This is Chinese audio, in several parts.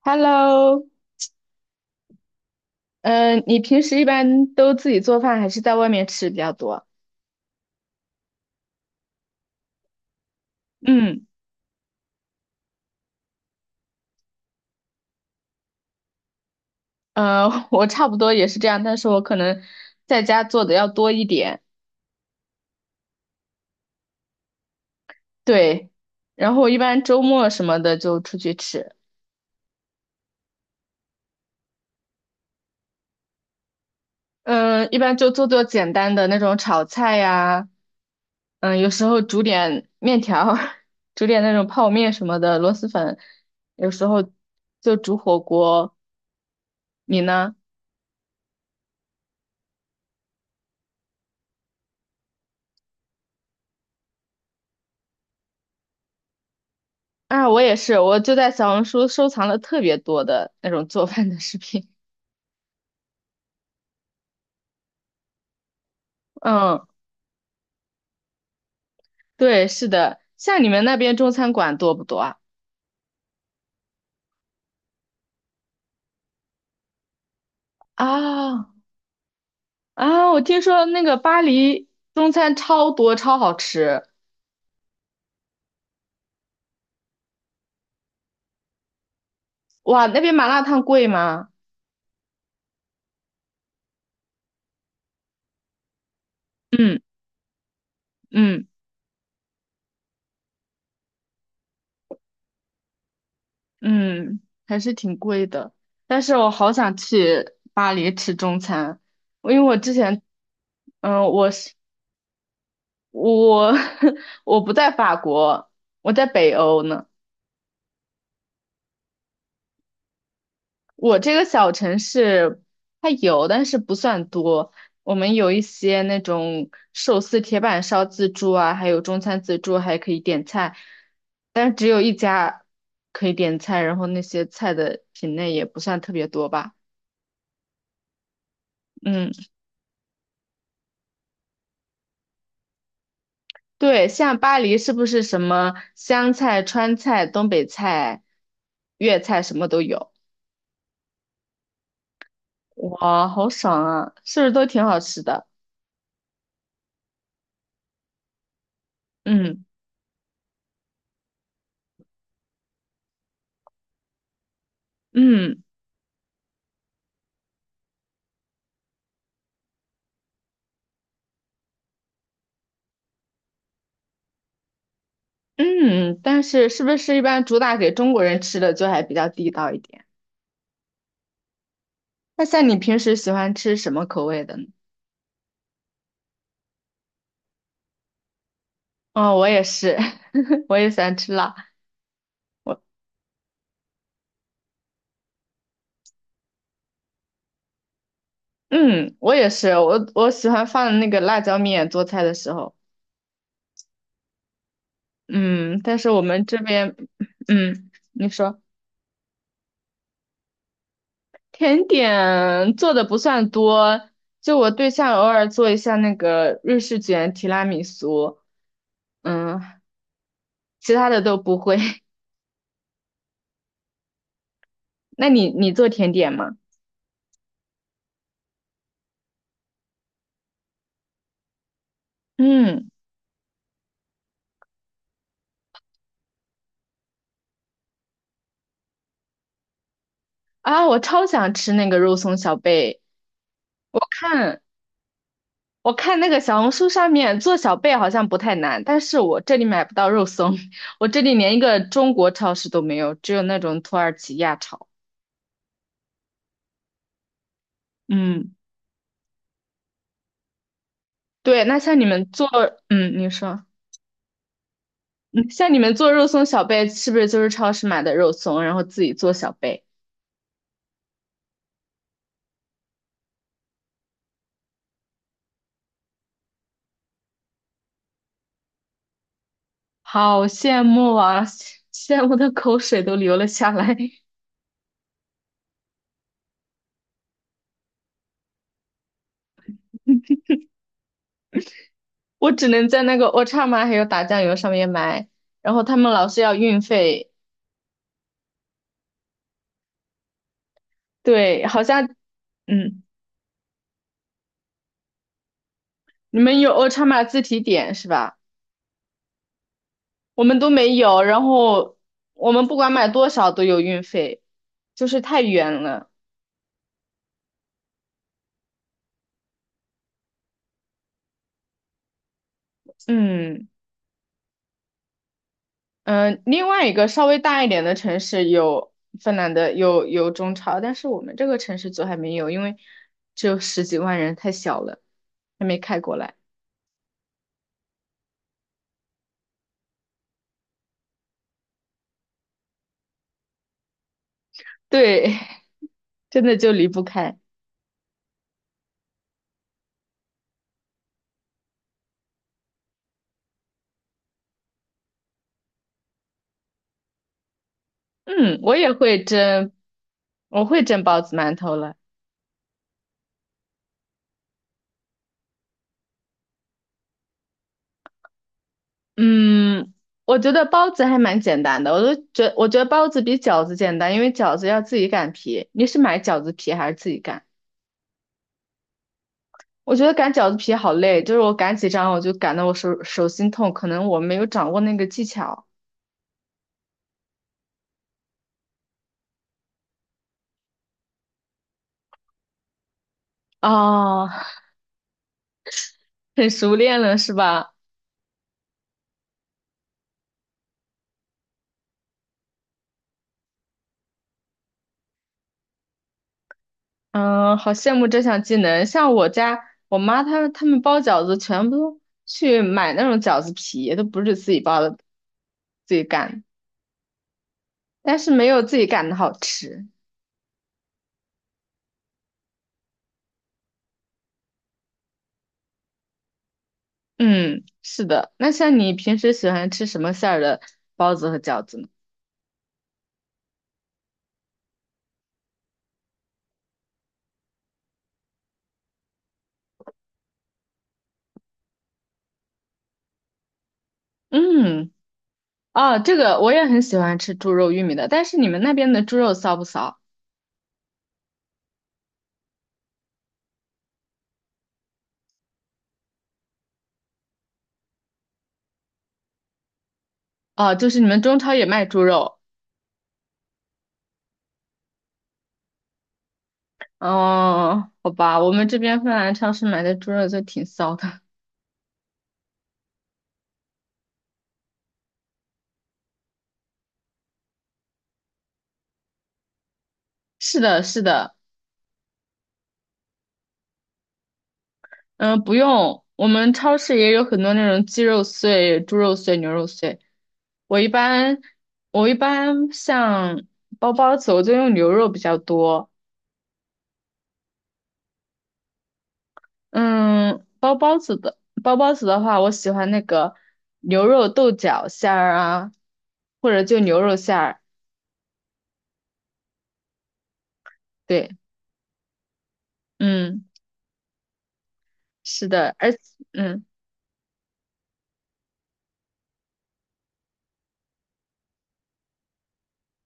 Hello，嗯，你平时一般都自己做饭还是在外面吃比较多？嗯，我差不多也是这样，但是我可能在家做的要多一点。对，然后我一般周末什么的就出去吃，嗯，一般就做做简单的那种炒菜呀，嗯，有时候煮点面条儿，煮点那种泡面什么的，螺蛳粉，有时候就煮火锅。你呢？啊，我也是，我就在小红书收藏了特别多的那种做饭的视频。嗯，对，是的，像你们那边中餐馆多不多啊？啊啊，我听说那个巴黎中餐超多，超好吃。哇，那边麻辣烫贵吗？嗯嗯嗯，还是挺贵的。但是我好想去巴黎吃中餐，因为我之前，嗯，我 我不在法国，我在北欧呢。我这个小城市它有，但是不算多。我们有一些那种寿司铁板烧自助啊，还有中餐自助，还可以点菜，但是只有一家可以点菜，然后那些菜的品类也不算特别多吧。嗯，对，像巴黎是不是什么湘菜、川菜、东北菜、粤菜什么都有？哇，好爽啊！是不是都挺好吃的？嗯嗯。嗯，但是是不是一般主打给中国人吃的就还比较地道一点？那像你平时喜欢吃什么口味的呢？哦，我也是，我也喜欢吃辣。嗯，我也是，我喜欢放那个辣椒面做菜的时候。嗯，但是我们这边，嗯，你说甜点做的不算多，就我对象偶尔做一下那个瑞士卷、提拉米苏，嗯，其他的都不会。那你做甜点吗？嗯。啊，我超想吃那个肉松小贝。我看我看那个小红书上面做小贝好像不太难，但是我这里买不到肉松，我这里连一个中国超市都没有，只有那种土耳其亚超。嗯，对，那像你们做，嗯，你说，嗯，像你们做肉松小贝，是不是就是超市买的肉松，然后自己做小贝？好羡慕啊，羡慕的口水都流了下来。我只能在那个 Ochama 还有打酱油上面买。然后他们老是要运费，对，好像嗯，你们有 OLT 自提点是吧？我们都没有，然后我们不管买多少都有运费，就是太远了。嗯嗯，另外一个稍微大一点的城市有芬兰的有中超，但是我们这个城市就还没有，因为只有十几万人，太小了，还没开过来。对，真的就离不开。嗯，我也会蒸，我会蒸包子馒头了。嗯，我觉得包子还蛮简单的，我觉得包子比饺子简单，因为饺子要自己擀皮。你是买饺子皮还是自己擀？我觉得擀饺子皮好累，就是我擀几张我就擀得我手心痛，可能我没有掌握那个技巧。哦，很熟练了是吧？嗯，好羡慕这项技能。像我家我妈他们包饺子全部都去买那种饺子皮，都不是自己包的，自己擀，但是没有自己擀的好吃。嗯，是的。那像你平时喜欢吃什么馅儿的包子和饺子呢？嗯，哦，这个我也很喜欢吃猪肉玉米的，但是你们那边的猪肉骚不骚？哦，就是你们中超也卖猪肉。哦，好吧，我们这边芬兰超市买的猪肉就挺骚的。是的，是的，嗯，不用，我们超市也有很多那种鸡肉碎、猪肉碎、牛肉碎。我一般，我一般像包包子，我就用牛肉比较多。嗯，包包子的话，我喜欢那个牛肉豆角馅儿啊，或者就牛肉馅儿。对，嗯，是的，嗯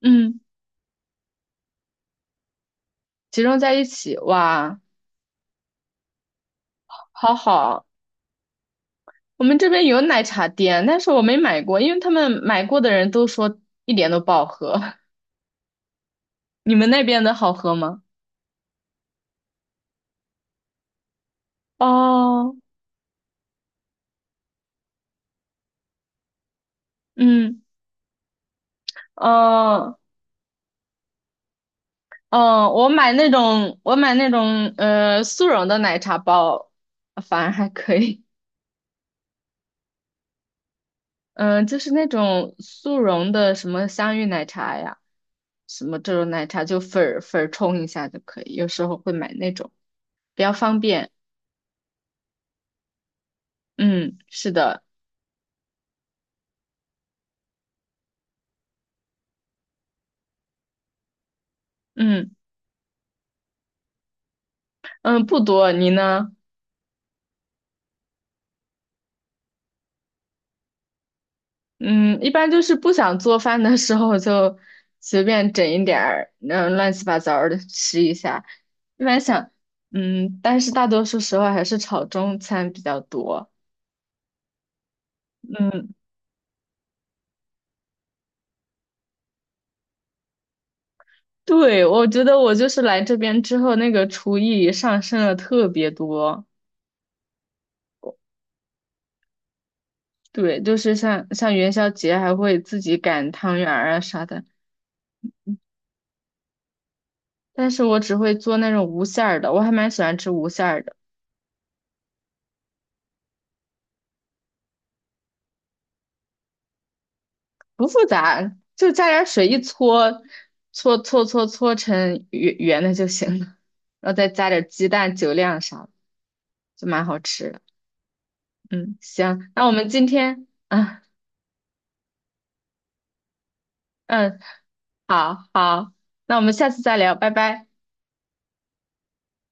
嗯，集中在一起，哇，好好。我们这边有奶茶店，但是我没买过，因为他们买过的人都说一点都不好喝。你们那边的好喝吗？哦，嗯，哦，嗯，我买那种，速溶的奶茶包，反而还可以。嗯，就是那种速溶的什么香芋奶茶呀，什么这种奶茶，就粉儿粉儿冲一下就可以。有时候会买那种，比较方便。嗯，是的，嗯嗯，不多。你呢？嗯，一般就是不想做饭的时候就随便整一点儿，嗯，乱七八糟的吃一下。一般想，嗯，但是大多数时候还是炒中餐比较多。嗯，对，我觉得我就是来这边之后，那个厨艺上升了特别多。对，就是像元宵节还会自己擀汤圆儿啊啥的，但是我只会做那种无馅儿的，我还蛮喜欢吃无馅儿的。不复杂，就加点儿水一搓，搓搓搓搓成圆圆的就行了，然后再加点儿鸡蛋、酒酿啥的，就蛮好吃的。嗯，行，那我们今天，啊，嗯，好好，那我们下次再聊，拜拜。